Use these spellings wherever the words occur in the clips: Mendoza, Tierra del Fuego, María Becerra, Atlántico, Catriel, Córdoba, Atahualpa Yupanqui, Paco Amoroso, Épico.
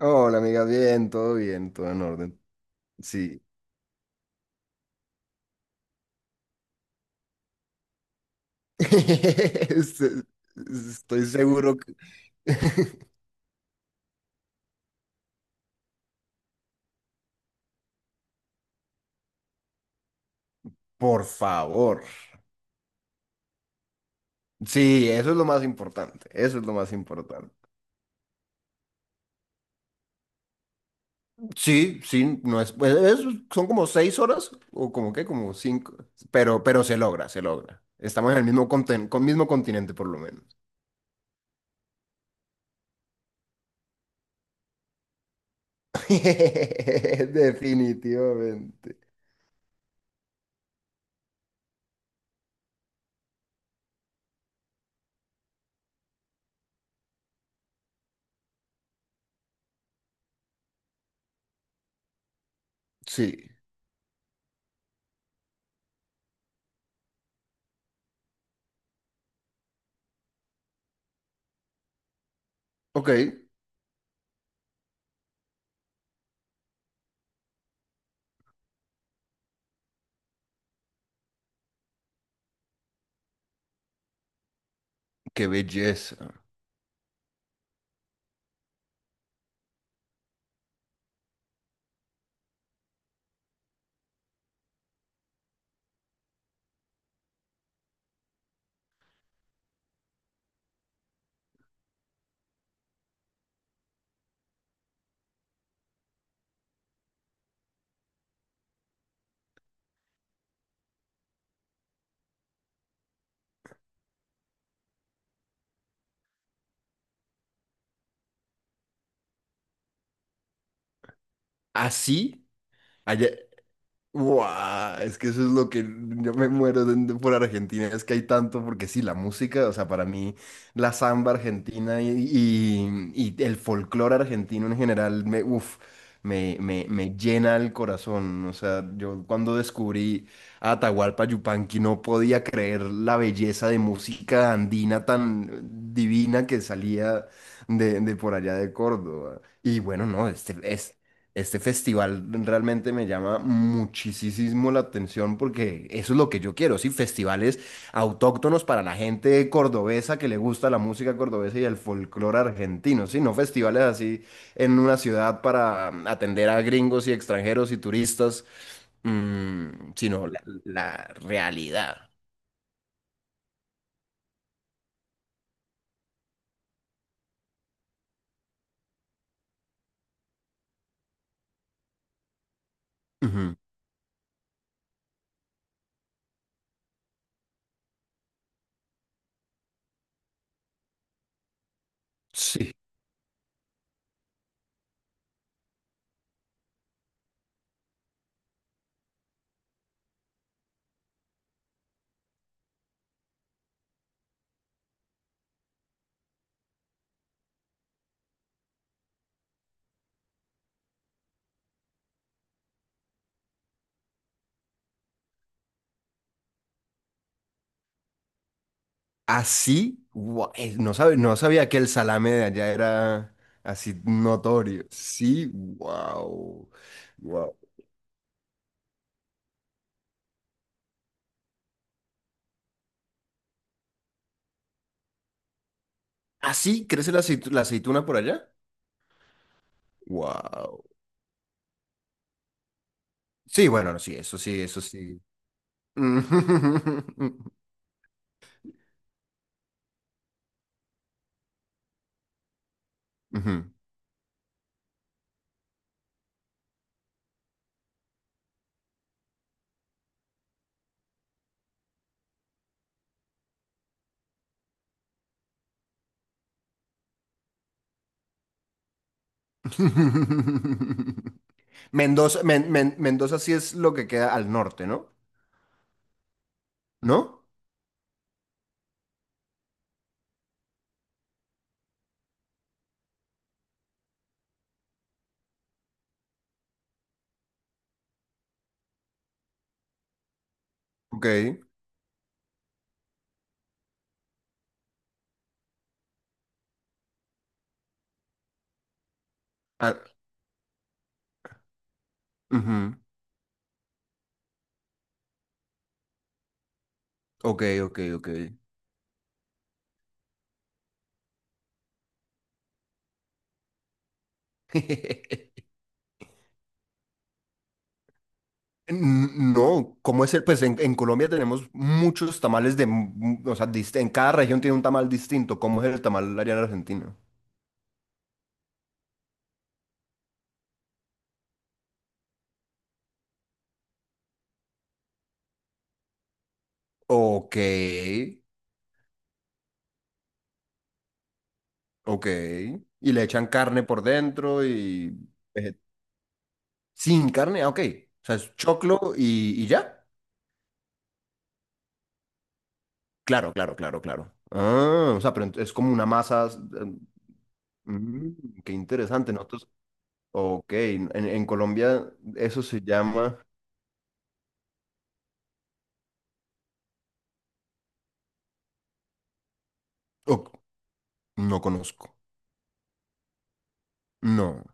Hola, amiga, bien, todo en orden. Sí. Este- Estoy seguro que... Por favor. Sí, eso es lo más importante. Eso es lo más importante. Sí, sí, no es, pues, es- son como seis horas o como qué, como cinco, pero se logra, se logra. Estamos en el mismo con mismo continente por lo menos. Definitivamente. Sí. Ok, qué belleza. Así, allá. Guau, es que eso es lo que yo me muero por Argentina, es que hay tanto, porque sí, la música, o sea, para mí la samba argentina y el folclore argentino en general, me, uf, me llena el corazón, o sea, yo cuando descubrí a Atahualpa Yupanqui no podía creer la belleza de música andina tan divina que salía de por allá de Córdoba. Y bueno, no, este, es este festival realmente me llama muchísimo la atención porque eso es lo que yo quiero, sí, festivales autóctonos para la gente cordobesa que le gusta la música cordobesa y el folclore argentino, sí, no festivales así en una ciudad para atender a gringos y extranjeros y turistas, sino la realidad. Ujú, sí. Así, guau, no sabía que el salame de allá era así notorio. Sí, wow, wow. ¿Así crece la aceituna por allá? Wow. Sí, bueno, no, sí, eso sí, eso sí. Ujú. Mendoza, Mendoza sí es lo que queda al norte, ¿no? ¿No? Ok. Ah, ujú. Ok, ok, ok. No, ¿cómo es el? Pues en Colombia tenemos muchos tamales de, en cada región tiene un tamal distinto. ¿Cómo es el tamal allá en Argentina? Ok, ok. Y le echan carne por dentro y... veget- Sin carne, ah, ok. O sea, es choclo y ya. Claro, claro, claro, claro. Ah, o sea, pero es como una masa... qué interesante. Nosotros... Ok, en Colombia eso se llama... Oh, no conozco. No.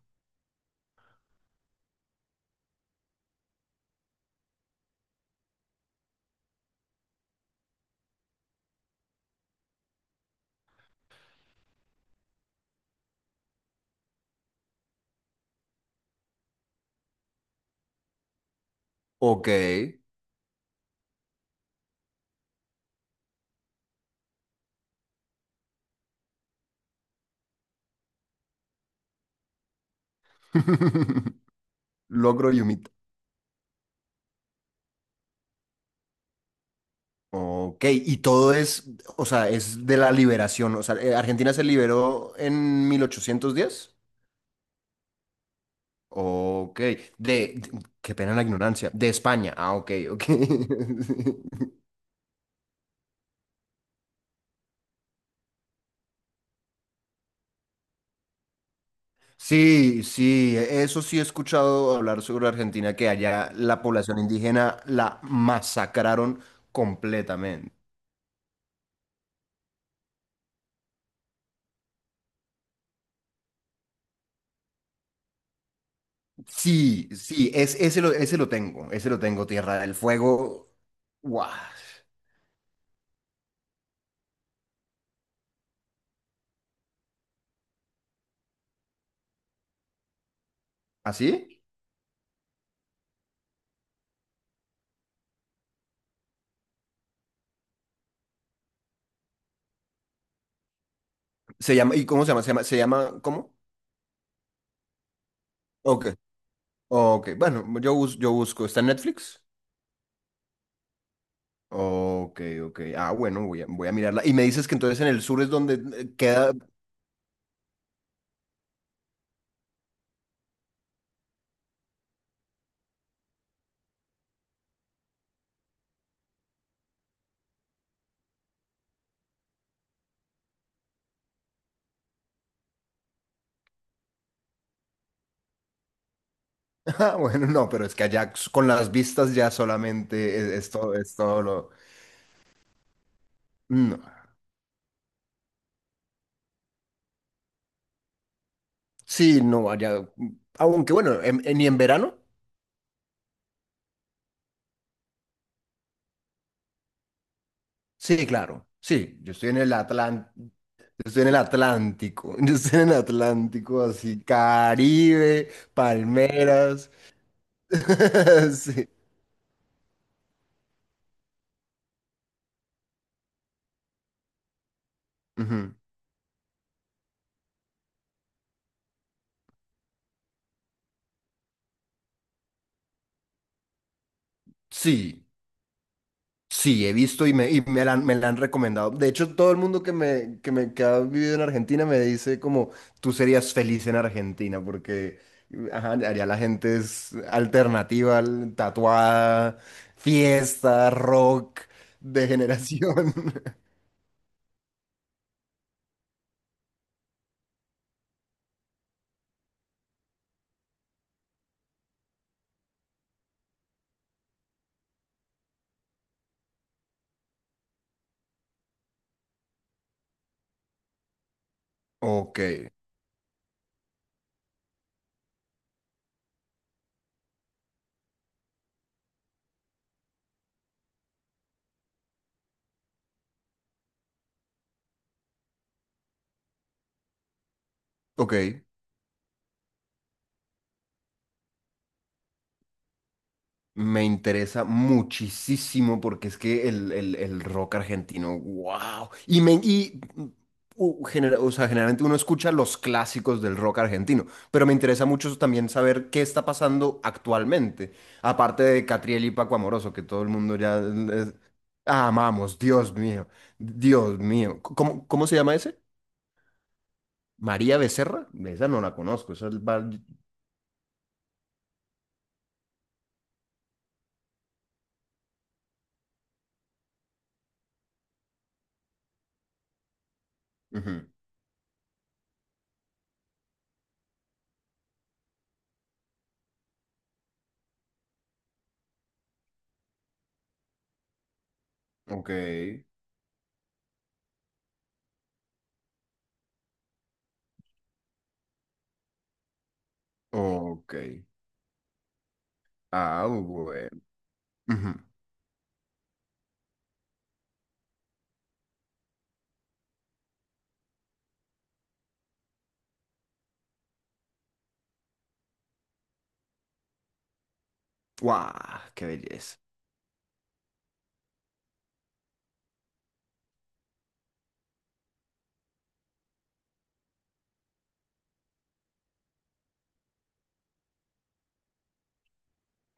Ok. Logro y humita. Ok, y todo es, o sea, es de la liberación. O sea, Argentina se liberó en 1810. Ok, qué pena la ignorancia, de España. Ah, ok, ok. Sí, sí, eso sí he escuchado hablar sobre Argentina, que allá la población indígena la masacraron completamente. Sí, sí, es, ese lo tengo, Tierra del Fuego. Guau. ¿Así? Se llama, ¿y cómo se llama? Se llama, se llama, ¿cómo? Ok, ok, bueno, yo, yo busco, ¿está en Netflix? Ok, ok, ah, bueno, voy a mirarla. Y me dices que entonces en el sur es donde queda, ah, bueno, no, pero es que allá con las vistas ya solamente es todo lo... No. Sí, no, allá, aunque bueno, ni en verano, sí, claro, sí, yo estoy en yo estoy en el Atlántico, yo estoy en el Atlántico, así, Caribe, palmeras. Sí. Ujú. Sí, sí, he visto han me la han recomendado. De hecho, todo el mundo que me que ha vivido en Argentina me dice como tú serías feliz en Argentina porque ajá, allá la gente es alternativa, tatuada, fiesta, rock, degeneración. Ok, ok. Me interesa muchísimo porque es que el rock argentino, wow. Y, me, y mm, genera- o sea, generalmente uno escucha los clásicos del rock argentino, pero me interesa mucho también saber qué está pasando actualmente, aparte de Catriel y Paco Amoroso, que todo el mundo ya amamos, Dios mío, Dios mío. ¿Cómo, cómo se llama ese? María Becerra, esa no la conozco, esa es el bar... Ujú, ok, ok. Ah, bueno. Ujú. ¡Guau! ¡Qué belleza!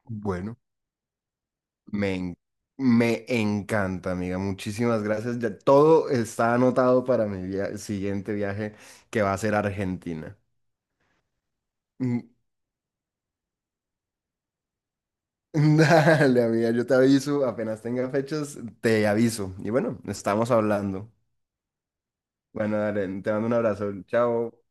Bueno, Me, en- me encanta, amiga. Muchísimas gracias. Ya todo está anotado para siguiente viaje que va a ser a Argentina. Mm, dale, amiga, yo te aviso. Apenas tenga fechas, te aviso. Y bueno, estamos hablando. Bueno, dale, te mando un abrazo. Chao.